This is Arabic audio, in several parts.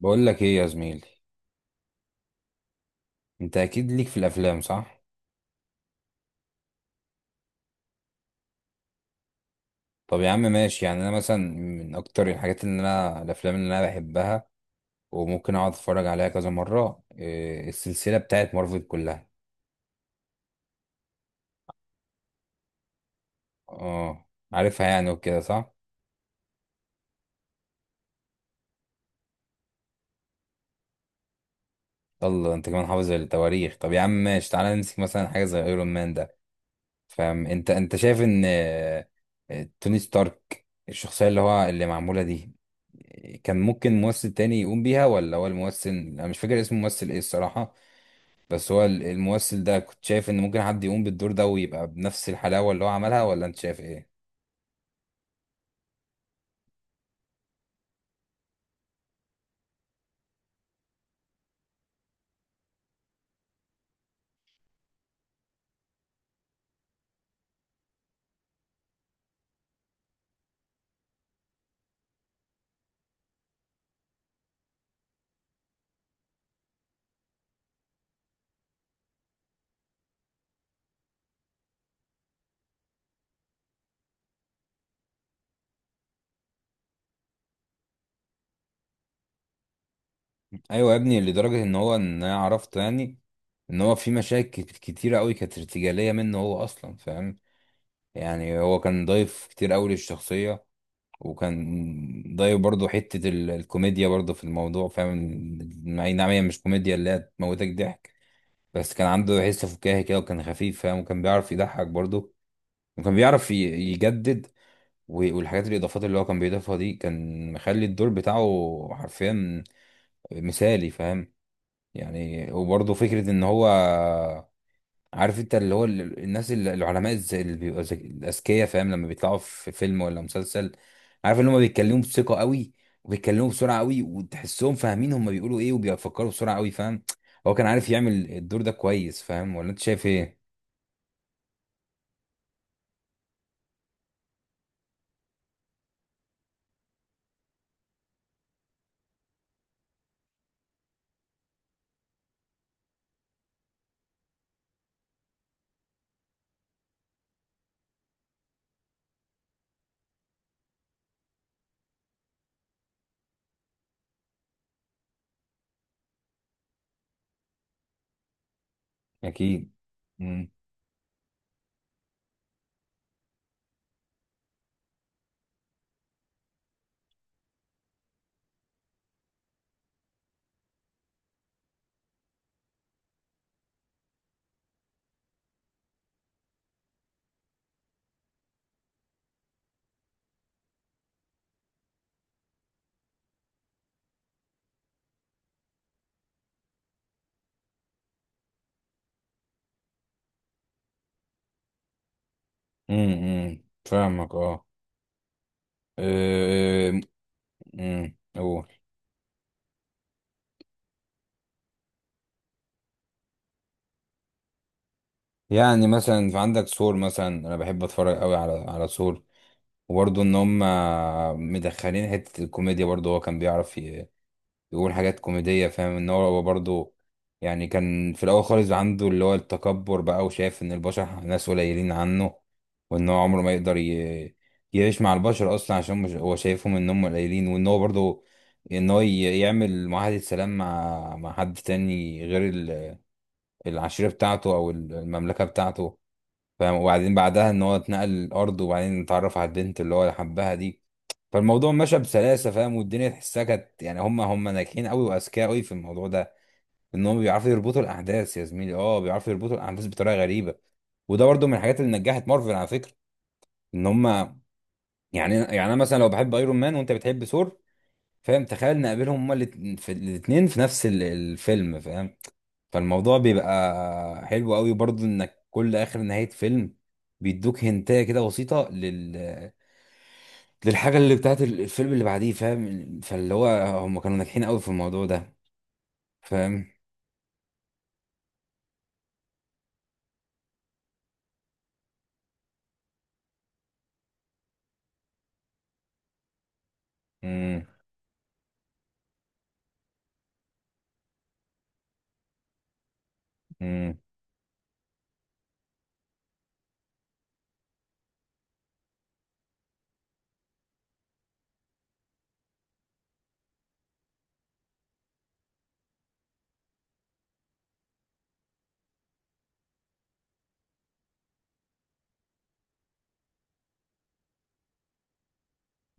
بقول لك ايه يا زميلي؟ انت اكيد ليك في الافلام، صح؟ طب يا عم ماشي، يعني انا مثلا من اكتر الحاجات اللي انا الافلام اللي انا بحبها وممكن اقعد اتفرج عليها كذا مره إيه السلسله بتاعت مارفل كلها. اه، عارفها يعني وكده صح. يلا، انت كمان حافظ التواريخ. طب يا عم ماشي، تعالى نمسك مثلا حاجه زي ايرون مان ده. فاهم؟ انت انت شايف ان توني ستارك الشخصيه اللي هو اللي معموله دي كان ممكن ممثل تاني يقوم بيها ولا هو الممثل؟ انا مش فاكر اسم الممثل ايه الصراحه. بس هو الممثل ده كنت شايف ان ممكن حد يقوم بالدور ده ويبقى بنفس الحلاوة اللي هو عملها، ولا انت شايف ايه؟ ايوه يا ابني، لدرجة ان هو ان انا عرفت يعني ان هو في مشاكل كتيرة قوي كانت ارتجالية منه هو اصلا، فاهم؟ يعني هو كان ضايف كتير قوي للشخصية. وكان ضايف برضه حتة الكوميديا برضه في الموضوع، فاهم؟ اي نعم، هي مش كوميديا اللي هي تموتك ضحك، بس كان عنده حس فكاهي كده وكان خفيف، فاهم؟ وكان بيعرف يضحك برضه. وكان بيعرف يجدد. والحاجات الاضافات اللي هو كان بيضيفها دي كان مخلي الدور بتاعه حرفيا مثالي، فاهم؟ يعني، وبرضه فكره ان هو، عارف انت، اللي هو الناس اللي العلماء اللي بيبقوا الاذكياء، فاهم؟ لما بيطلعوا في فيلم ولا مسلسل، عارف ان هم بيتكلموا بثقه قوي وبيتكلموا بسرعه قوي وتحسهم فاهمين هم بيقولوا ايه وبيفكروا بسرعه قوي، فاهم؟ هو كان عارف يعمل الدور ده كويس، فاهم؟ ولا انت شايف ايه؟ اكيد. امم امم، فاهمك، اه. آه، اوه يعني، مثلا في عندك سور. مثلا انا بحب اتفرج قوي على سور، وبرضه ان هم مدخلين حته الكوميديا برضه. هو كان بيعرف يقول حاجات كوميديه، فاهم؟ ان هو برضه، يعني كان في الاول خالص عنده اللي هو التكبر بقى، وشايف ان البشر ناس قليلين عنه، وان هو عمره ما يقدر يعيش مع البشر اصلا، عشان هو شايفهم ان هم قليلين. وان هو برضه ان هو يعمل معاهده سلام مع حد تاني غير العشيرة بتاعته أو المملكة بتاعته، فاهم؟ وبعدين بعدها إن هو اتنقل الأرض، وبعدين اتعرف على البنت اللي هو حبها دي. فالموضوع مشى بسلاسة، فاهم؟ والدنيا تحسها كانت يعني هم ناجحين قوي وأذكياء قوي في الموضوع ده. إن هم بيعرفوا يربطوا الأحداث يا زميلي، أه بيعرفوا يربطوا الأحداث بطريقة غريبة. وده برضو من الحاجات اللي نجحت مارفل على فكرة. إن هم، يعني أنا مثلا لو بحب أيرون مان وأنت بتحب ثور، فاهم؟ تخيل نقابلهم هما الاتنين في نفس الفيلم، فاهم؟ فالموضوع بيبقى حلو قوي برضو. انك كل اخر نهاية فيلم بيدوك هنتايه كده بسيطة للحاجة اللي بتاعت الفيلم اللي بعديه، فاهم؟ فاللي هو هم كانوا ناجحين قوي في الموضوع ده، فاهم؟ مم، مم،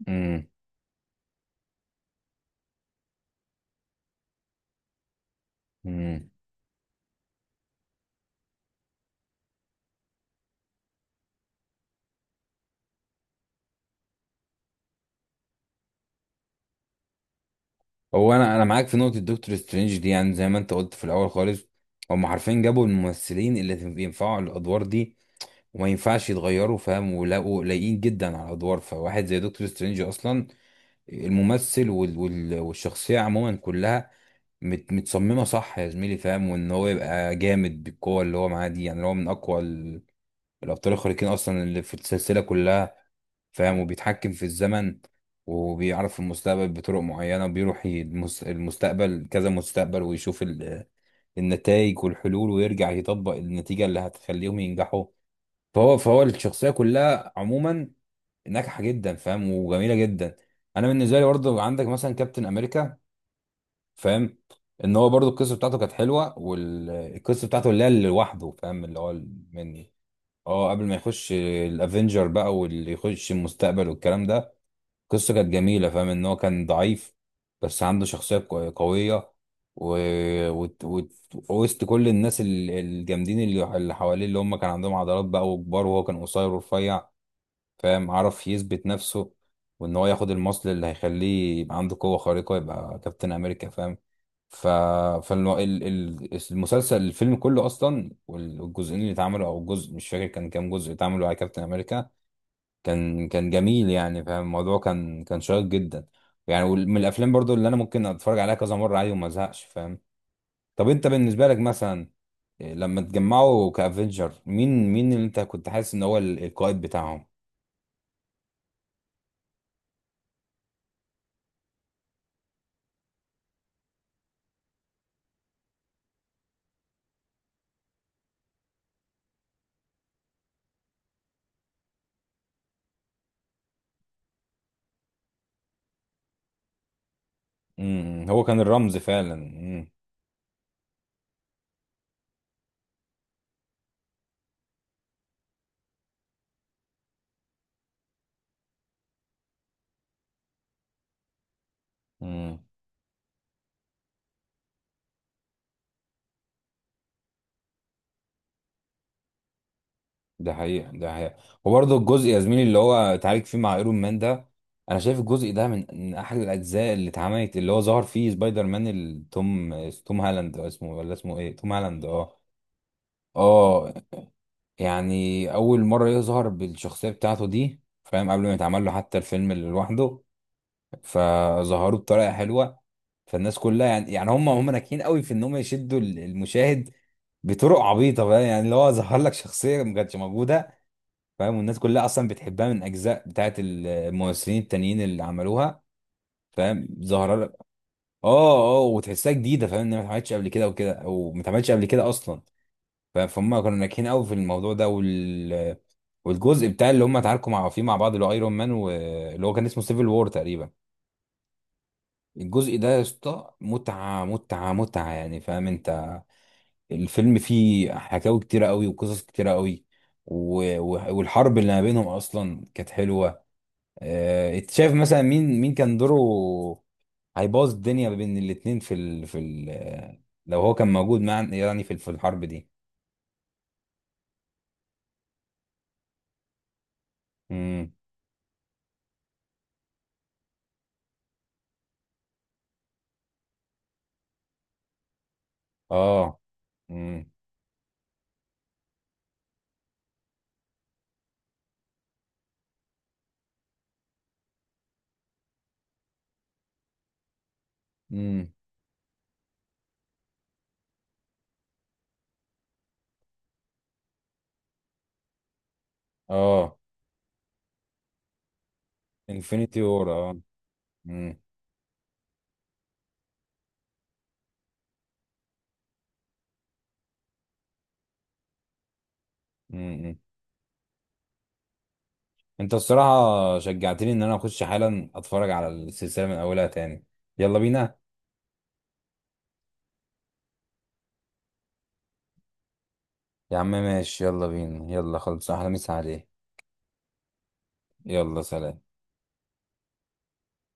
مم، مم. هو انا معاك في نقطة دكتور سترينج دي. يعني زي ما انت قلت في الاول خالص، هم حرفيا جابوا الممثلين اللي ينفعوا الادوار دي وما ينفعش يتغيروا، فاهم؟ ولاقوا لايقين جدا على الادوار. فواحد زي دكتور سترينج اصلا الممثل والشخصية عموما كلها متصممة صح يا زميلي، فاهم؟ وان هو يبقى جامد بالقوة اللي هو معاه دي. يعني هو من اقوى الابطال الخارقين اصلا اللي في السلسلة كلها، فاهم؟ وبيتحكم في الزمن وبيعرف المستقبل بطرق معينة. بيروح المستقبل كذا مستقبل ويشوف النتائج والحلول، ويرجع يطبق النتيجة اللي هتخليهم ينجحوا. فهو الشخصية كلها عموما ناجحه جدا، فاهم؟ وجميله جدا. انا بالنسبه لي برضه عندك مثلا كابتن امريكا، فاهم؟ ان هو برضه القصه بتاعته كانت حلوه، والقصه بتاعته اللي هي اللي لوحده، فاهم؟ اللي هو مني، اه، قبل ما يخش الافنجر بقى واللي يخش المستقبل والكلام ده. قصه كانت جميله، فاهم؟ ان هو كان ضعيف بس عنده شخصيه قويه و... وت- وت- وسط كل الناس الجامدين اللي حواليه، اللي هم كان عندهم عضلات بقى وكبار، وهو كان قصير ورفيع، فاهم؟ عرف يثبت نفسه، وان هو ياخد المصل اللي هيخليه يبقى عنده قوة خارقة يبقى كابتن امريكا، فاهم؟ ف فالمسلسل الفيلم كله اصلا، والجزئين اللي اتعملوا او الجزء مش فاكر كان كام جزء اتعملوا على كابتن امريكا، كان جميل يعني، فاهم؟ الموضوع كان شيق جدا يعني. من الافلام برضو اللي انا ممكن اتفرج عليها كذا مرة عادي وما ازهقش، فاهم؟ طب انت بالنسبة لك مثلا، لما تجمعوا كافنجر، مين اللي انت كنت حاسس ان هو القائد بتاعهم؟ امم، هو كان الرمز فعلا. امم. امم. ده حقيقة، ده حقيقة. وبرضه الجزء يا زميلي اللي هو اتعالج فيه مع ايرون مان ده، انا شايف الجزء ده من احد الاجزاء اللي اتعملت، اللي هو ظهر فيه سبايدر مان التوم، توم هالاند أو اسمه، ولا اسمه ايه؟ توم هالاند، اه. اه، يعني اول مرة يظهر بالشخصية بتاعته دي، فاهم؟ قبل ما يتعمل له حتى الفيلم اللي لوحده، فظهروه بطريقة حلوة. فالناس كلها يعني، يعني هم ناجحين قوي في ان هم يشدوا المشاهد بطرق عبيطه بقى. يعني اللي هو ظهر لك شخصيه ما كانتش موجوده، فاهم؟ والناس كلها اصلا بتحبها من اجزاء بتاعت الممثلين التانيين اللي عملوها، فاهم؟ ظهر لك اه. اه، وتحسها جديده، فاهم؟ ان هي ما اتعملتش قبل كده وكده، او ما اتعملتش قبل كده اصلا، فاهم؟ فهم كانوا ناجحين قوي في الموضوع ده. والجزء بتاع اللي هم اتعاركوا مع فيه مع بعض، اللي هو ايرون مان، واللي هو كان اسمه سيفل وور تقريبا. الجزء ده يا اسطى متعه متعه يعني، فاهم انت؟ الفيلم فيه حكاوي كتيرة قوي وقصص كتيرة قوي. والحرب اللي ما بينهم اصلا كانت حلوة. انت شايف مثلا مين كان دوره هيبوظ الدنيا ما بين الاتنين في ال... في ال... آه، لو هو كان موجود مع يعني في الحرب دي؟ امم. اه، امم. امم، اه. انفينيتي وور، اه. امم. امم. انت الصراحة شجعتني ان انا اخش حالا اتفرج على السلسلة من اولها تاني. يلا بينا. يا عم ماشي، يلا بينا، يلا خلص، احلى مسا عليه. يلا، سلام.